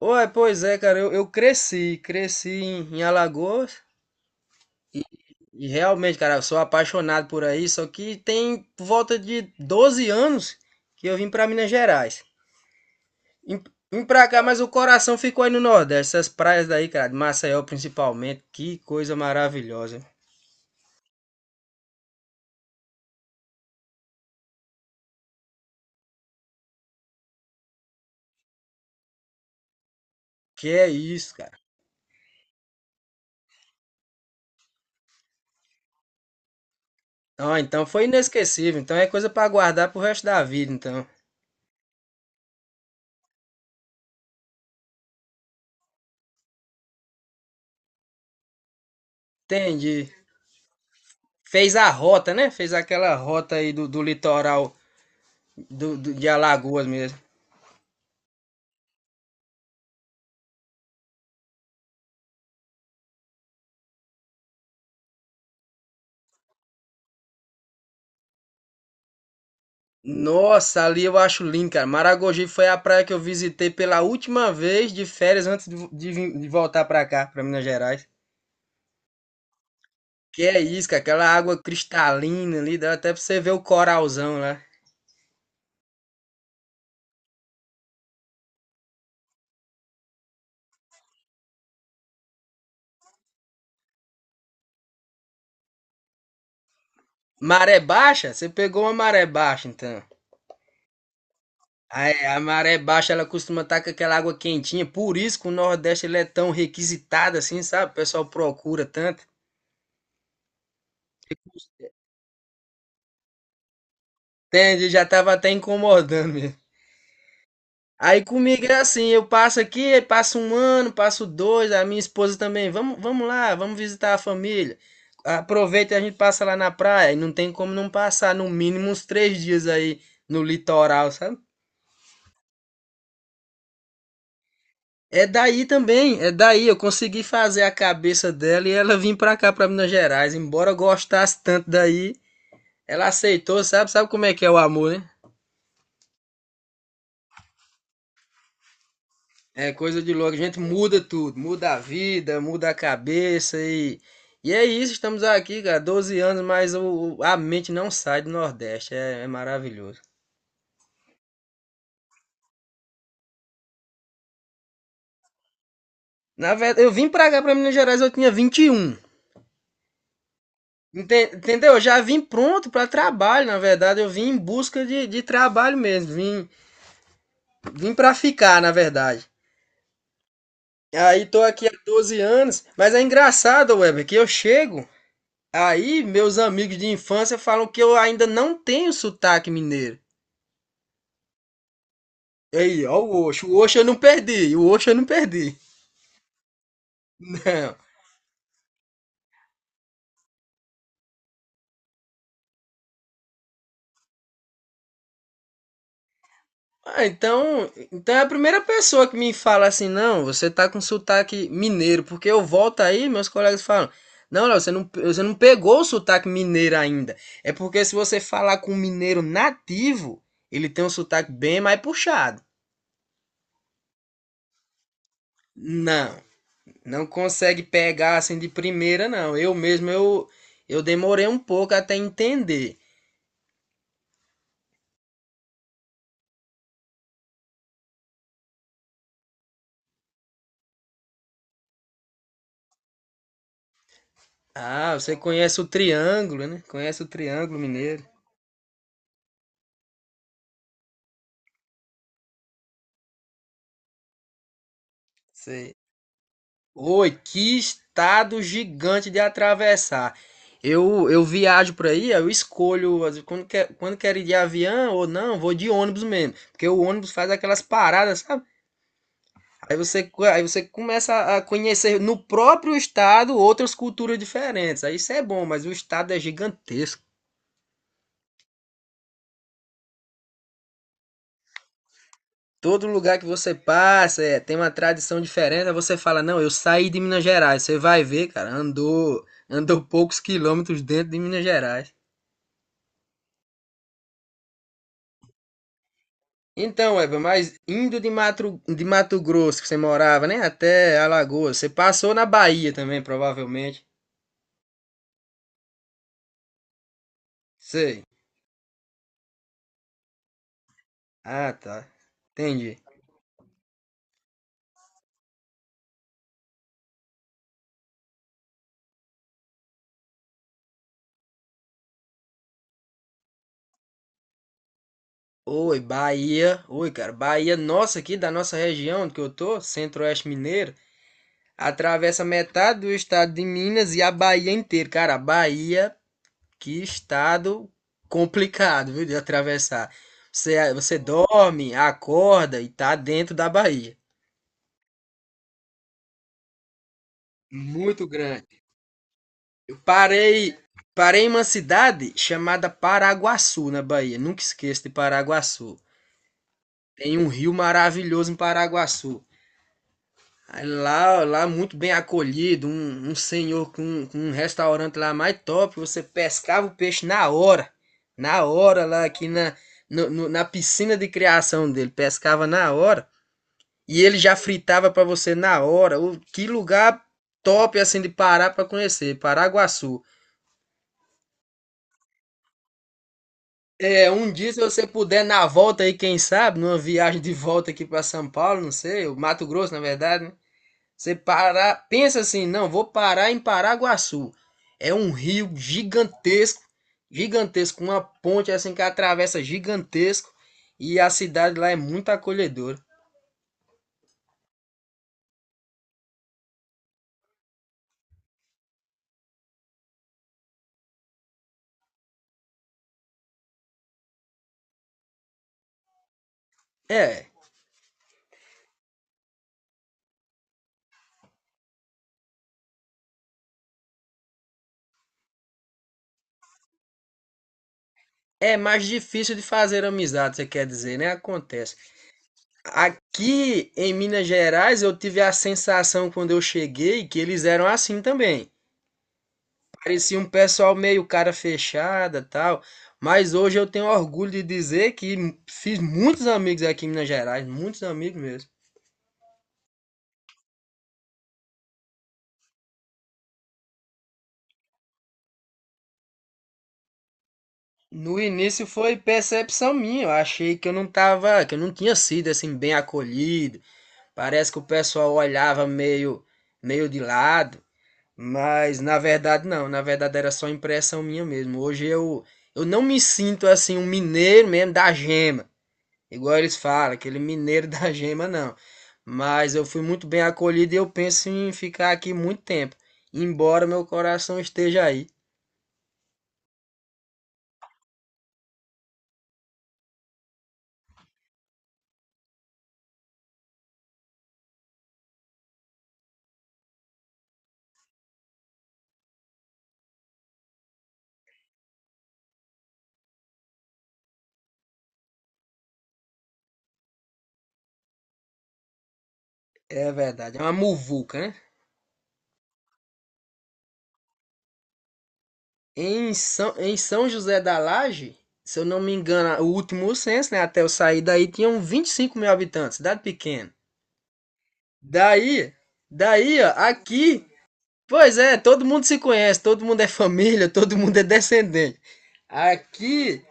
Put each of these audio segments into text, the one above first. Ué, pois é, cara, eu cresci em Alagoas e realmente, cara, eu sou apaixonado por aí, só que tem por volta de 12 anos que eu vim pra Minas Gerais. Vim vim pra cá, mas o coração ficou aí no Nordeste, essas praias daí, cara, de Maceió principalmente, que coisa maravilhosa. Que é isso, cara. Ah, então foi inesquecível, então é coisa pra guardar pro resto da vida, então. Entendi. Fez a rota, né? Fez aquela rota aí do litoral de Alagoas mesmo. Nossa, ali eu acho lindo, cara. Maragogi foi a praia que eu visitei pela última vez de férias antes de voltar pra cá, pra Minas Gerais. Que é isso, cara, aquela água cristalina ali, dá até pra você ver o coralzão lá. Maré baixa? Você pegou uma maré baixa, então. Ah, é, a maré baixa, ela costuma estar com aquela água quentinha, por isso que o Nordeste ele é tão requisitado assim, sabe? O pessoal procura tanto. Entende? Já tava até incomodando mesmo. Aí comigo é assim, eu passo aqui, aí passa um ano, passo dois, a minha esposa também, vamos, vamos lá, vamos visitar a família. Aproveita e a gente passa lá na praia, e não tem como não passar no mínimo uns 3 dias aí no litoral, sabe? É daí também, é daí, eu consegui fazer a cabeça dela e ela vir pra cá, pra Minas Gerais, embora eu gostasse tanto daí, ela aceitou, sabe? Sabe como é que é o amor, né? É coisa de louco, a gente muda tudo, muda a vida, muda a cabeça e. E é isso, estamos aqui, cara, 12 anos, mas a mente não sai do Nordeste, é, é maravilhoso. Na verdade, eu vim pra cá, pra Minas Gerais, eu tinha 21. Entendeu? Eu já vim pronto pra trabalho, na verdade, eu vim em busca de trabalho mesmo, vim para ficar, na verdade. Aí tô aqui há 12 anos, mas é engraçado, Weber, que eu chego, aí meus amigos de infância falam que eu ainda não tenho sotaque mineiro. E aí, ó, o Osho. O Osho eu não perdi. O Osho eu não perdi. Não. Ah, então é a primeira pessoa que me fala assim, não, você tá com sotaque mineiro, porque eu volto aí, meus colegas falam, não, Léo, você não pegou o sotaque mineiro ainda. É porque se você falar com um mineiro nativo, ele tem um sotaque bem mais puxado. Não, não consegue pegar assim de primeira, não. Eu mesmo, eu demorei um pouco até entender. Ah, você conhece o Triângulo, né? Conhece o Triângulo Mineiro. Sei. Oi, que estado gigante de atravessar. Eu viajo por aí, eu escolho às vezes, quando quero ir de avião ou não, vou de ônibus mesmo. Porque o ônibus faz aquelas paradas, sabe? Aí você começa a conhecer no próprio estado outras culturas diferentes. Aí isso é bom, mas o estado é gigantesco. Todo lugar que você passa, é, tem uma tradição diferente, aí você fala, não, eu saí de Minas Gerais. Você vai ver, cara, andou, andou poucos quilômetros dentro de Minas Gerais. Então, Eva, mas indo de Mato Grosso, que você morava, né, até Alagoas, você passou na Bahia também, provavelmente. Sei. Ah, tá. Entendi. Oi, Bahia. Oi, cara. Bahia, nossa, aqui da nossa região que eu tô, Centro-Oeste Mineiro, atravessa metade do estado de Minas e a Bahia inteira. Cara, a Bahia, que estado complicado, viu, de atravessar. Você, você dorme, acorda e tá dentro da Bahia. Muito grande. Eu parei, parei em uma cidade chamada Paraguaçu, na Bahia. Nunca esqueço de Paraguaçu. Tem um rio maravilhoso em Paraguaçu. Aí lá, lá muito bem acolhido, um senhor com um restaurante lá mais top, você pescava o peixe na hora lá aqui na, no- no- na piscina de criação dele, pescava na hora e ele já fritava pra você na hora. O, que lugar top assim de parar pra conhecer, Paraguaçu. É, um dia se você puder na volta aí, quem sabe, numa viagem de volta aqui pra São Paulo, não sei, o Mato Grosso na verdade, né? Você para, pensa assim, não, vou parar em Paraguaçu. É um rio gigantesco, gigantesco, uma ponte assim que atravessa gigantesco e a cidade lá é muito acolhedora. É, é mais difícil de fazer amizade, você quer dizer, né? Acontece. Aqui em Minas Gerais eu tive a sensação quando eu cheguei que eles eram assim também. Parecia um pessoal meio cara fechada, tal, mas hoje eu tenho orgulho de dizer que fiz muitos amigos aqui em Minas Gerais, muitos amigos mesmo. No início foi percepção minha, eu achei que eu não tava, que eu não tinha sido assim bem acolhido. Parece que o pessoal olhava meio de lado, mas na verdade não, na verdade era só impressão minha mesmo. Hoje eu não me sinto assim um mineiro mesmo da gema. Igual eles falam, aquele mineiro da gema, não. Mas eu fui muito bem acolhido e eu penso em ficar aqui muito tempo, embora meu coração esteja aí. É verdade, é uma muvuca, né? Em São José da Laje, se eu não me engano, o último censo, né? Até eu sair daí, tinham 25 mil habitantes, cidade pequena. Daí, daí, ó, aqui, pois é, todo mundo se conhece, todo mundo é família, todo mundo é descendente. Aqui,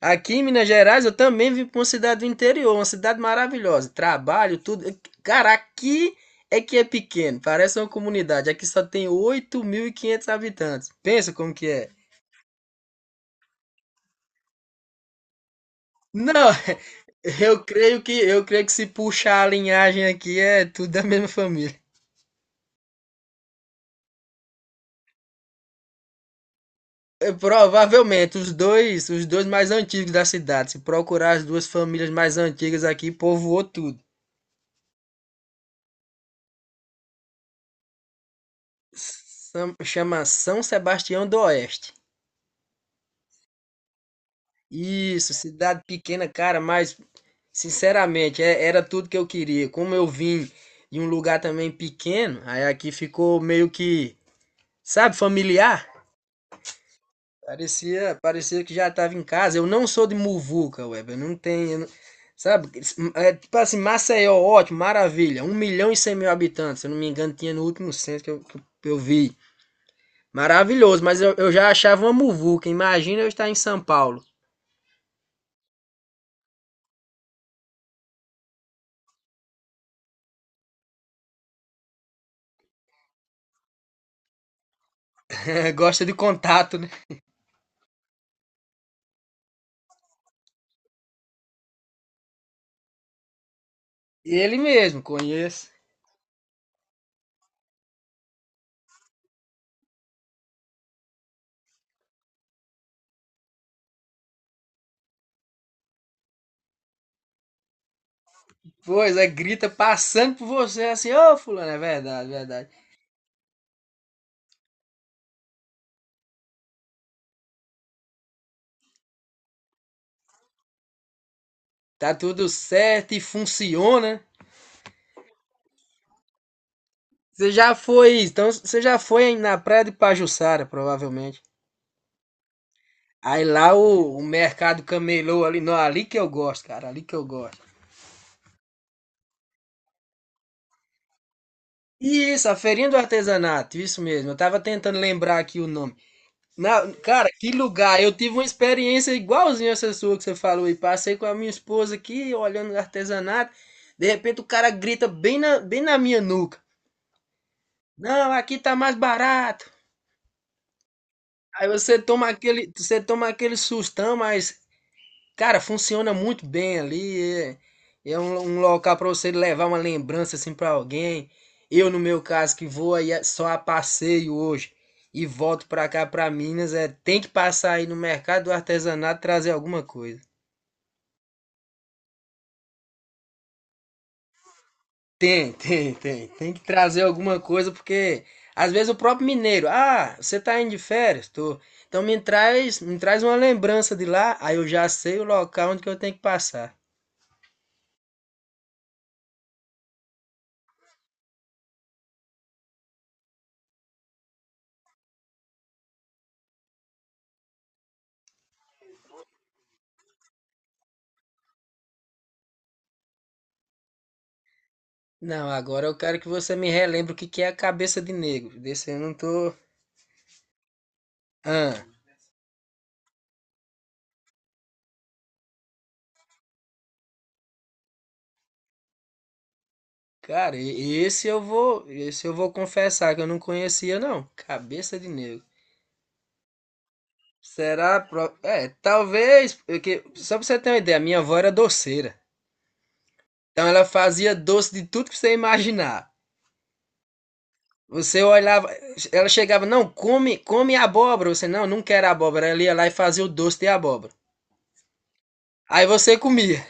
Aqui em Minas Gerais eu também vim para uma cidade do interior, uma cidade maravilhosa. Trabalho, tudo. Cara, aqui é que é pequeno, parece uma comunidade. Aqui só tem 8.500 habitantes. Pensa como que é. Não, eu creio que se puxar a linhagem aqui é tudo da mesma família. É, provavelmente os dois mais antigos da cidade. Se procurar as duas famílias mais antigas aqui, povoou tudo. Chama São Sebastião do Oeste. Isso, cidade pequena, cara, mas sinceramente, era tudo que eu queria. Como eu vim de um lugar também pequeno, aí aqui ficou meio que, sabe, familiar. Parecia, parecia que já estava em casa. Eu não sou de muvuca, Web. Eu não tenho, eu não- sabe? É, tipo assim, Maceió, ótimo, maravilha. 1.100.000 habitantes, se eu não me engano, tinha no último censo que eu vi. Maravilhoso, mas eu já achava uma muvuca. Imagina eu estar em São Paulo. Gosta de contato, né? Ele mesmo, conheço. Pois é, grita passando por você assim, ô fulano, é verdade, verdade. Tá tudo certo e funciona. Você já foi, então você já foi na praia de Pajuçara, provavelmente. Aí lá o, mercado camelô ali, não, ali que eu gosto, cara, ali que eu gosto. Isso, a feirinha do artesanato, isso mesmo. Eu tava tentando lembrar aqui o nome. Na, cara, que lugar! Eu tive uma experiência igualzinha essa sua que você falou e passei com a minha esposa aqui olhando o artesanato. De repente o cara grita bem na minha nuca. Não, aqui tá mais barato. Aí você toma aquele sustão, mas cara, funciona muito bem ali. É um local para você levar uma lembrança assim para alguém. Eu, no meu caso, que vou aí só a passeio hoje e volto para cá para Minas, é, tem que passar aí no mercado do artesanato e trazer alguma coisa. Tem, tem, tem. Tem que trazer alguma coisa, porque às vezes o próprio mineiro, ah, você tá indo de férias? Tô. Então me traz uma lembrança de lá, aí eu já sei o local onde que eu tenho que passar. Não, agora eu quero que você me relembre o que que é a cabeça de negro. Desse eu não tô. Ah, cara, esse eu vou confessar que eu não conhecia não. Cabeça de negro. Será? É, talvez, porque só pra você ter uma ideia, minha avó era doceira. Então ela fazia doce de tudo que você imaginar. Você olhava, ela chegava, não, come, come abóbora. Você, não, não quero abóbora. Ela ia lá e fazia o doce de abóbora. Aí você comia.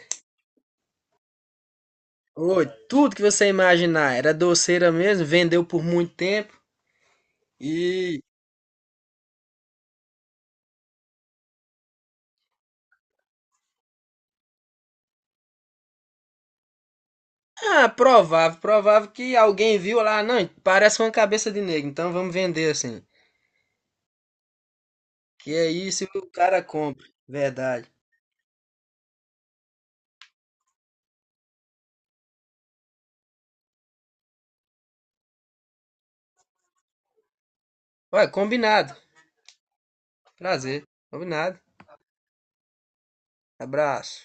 Oi, tudo que você imaginar era doceira mesmo, vendeu por muito tempo e. Ah, provável, provável que alguém viu lá, não, parece uma cabeça de negro, então vamos vender assim. Que é isso, o cara compra, verdade. Ué, combinado, prazer, combinado, abraço.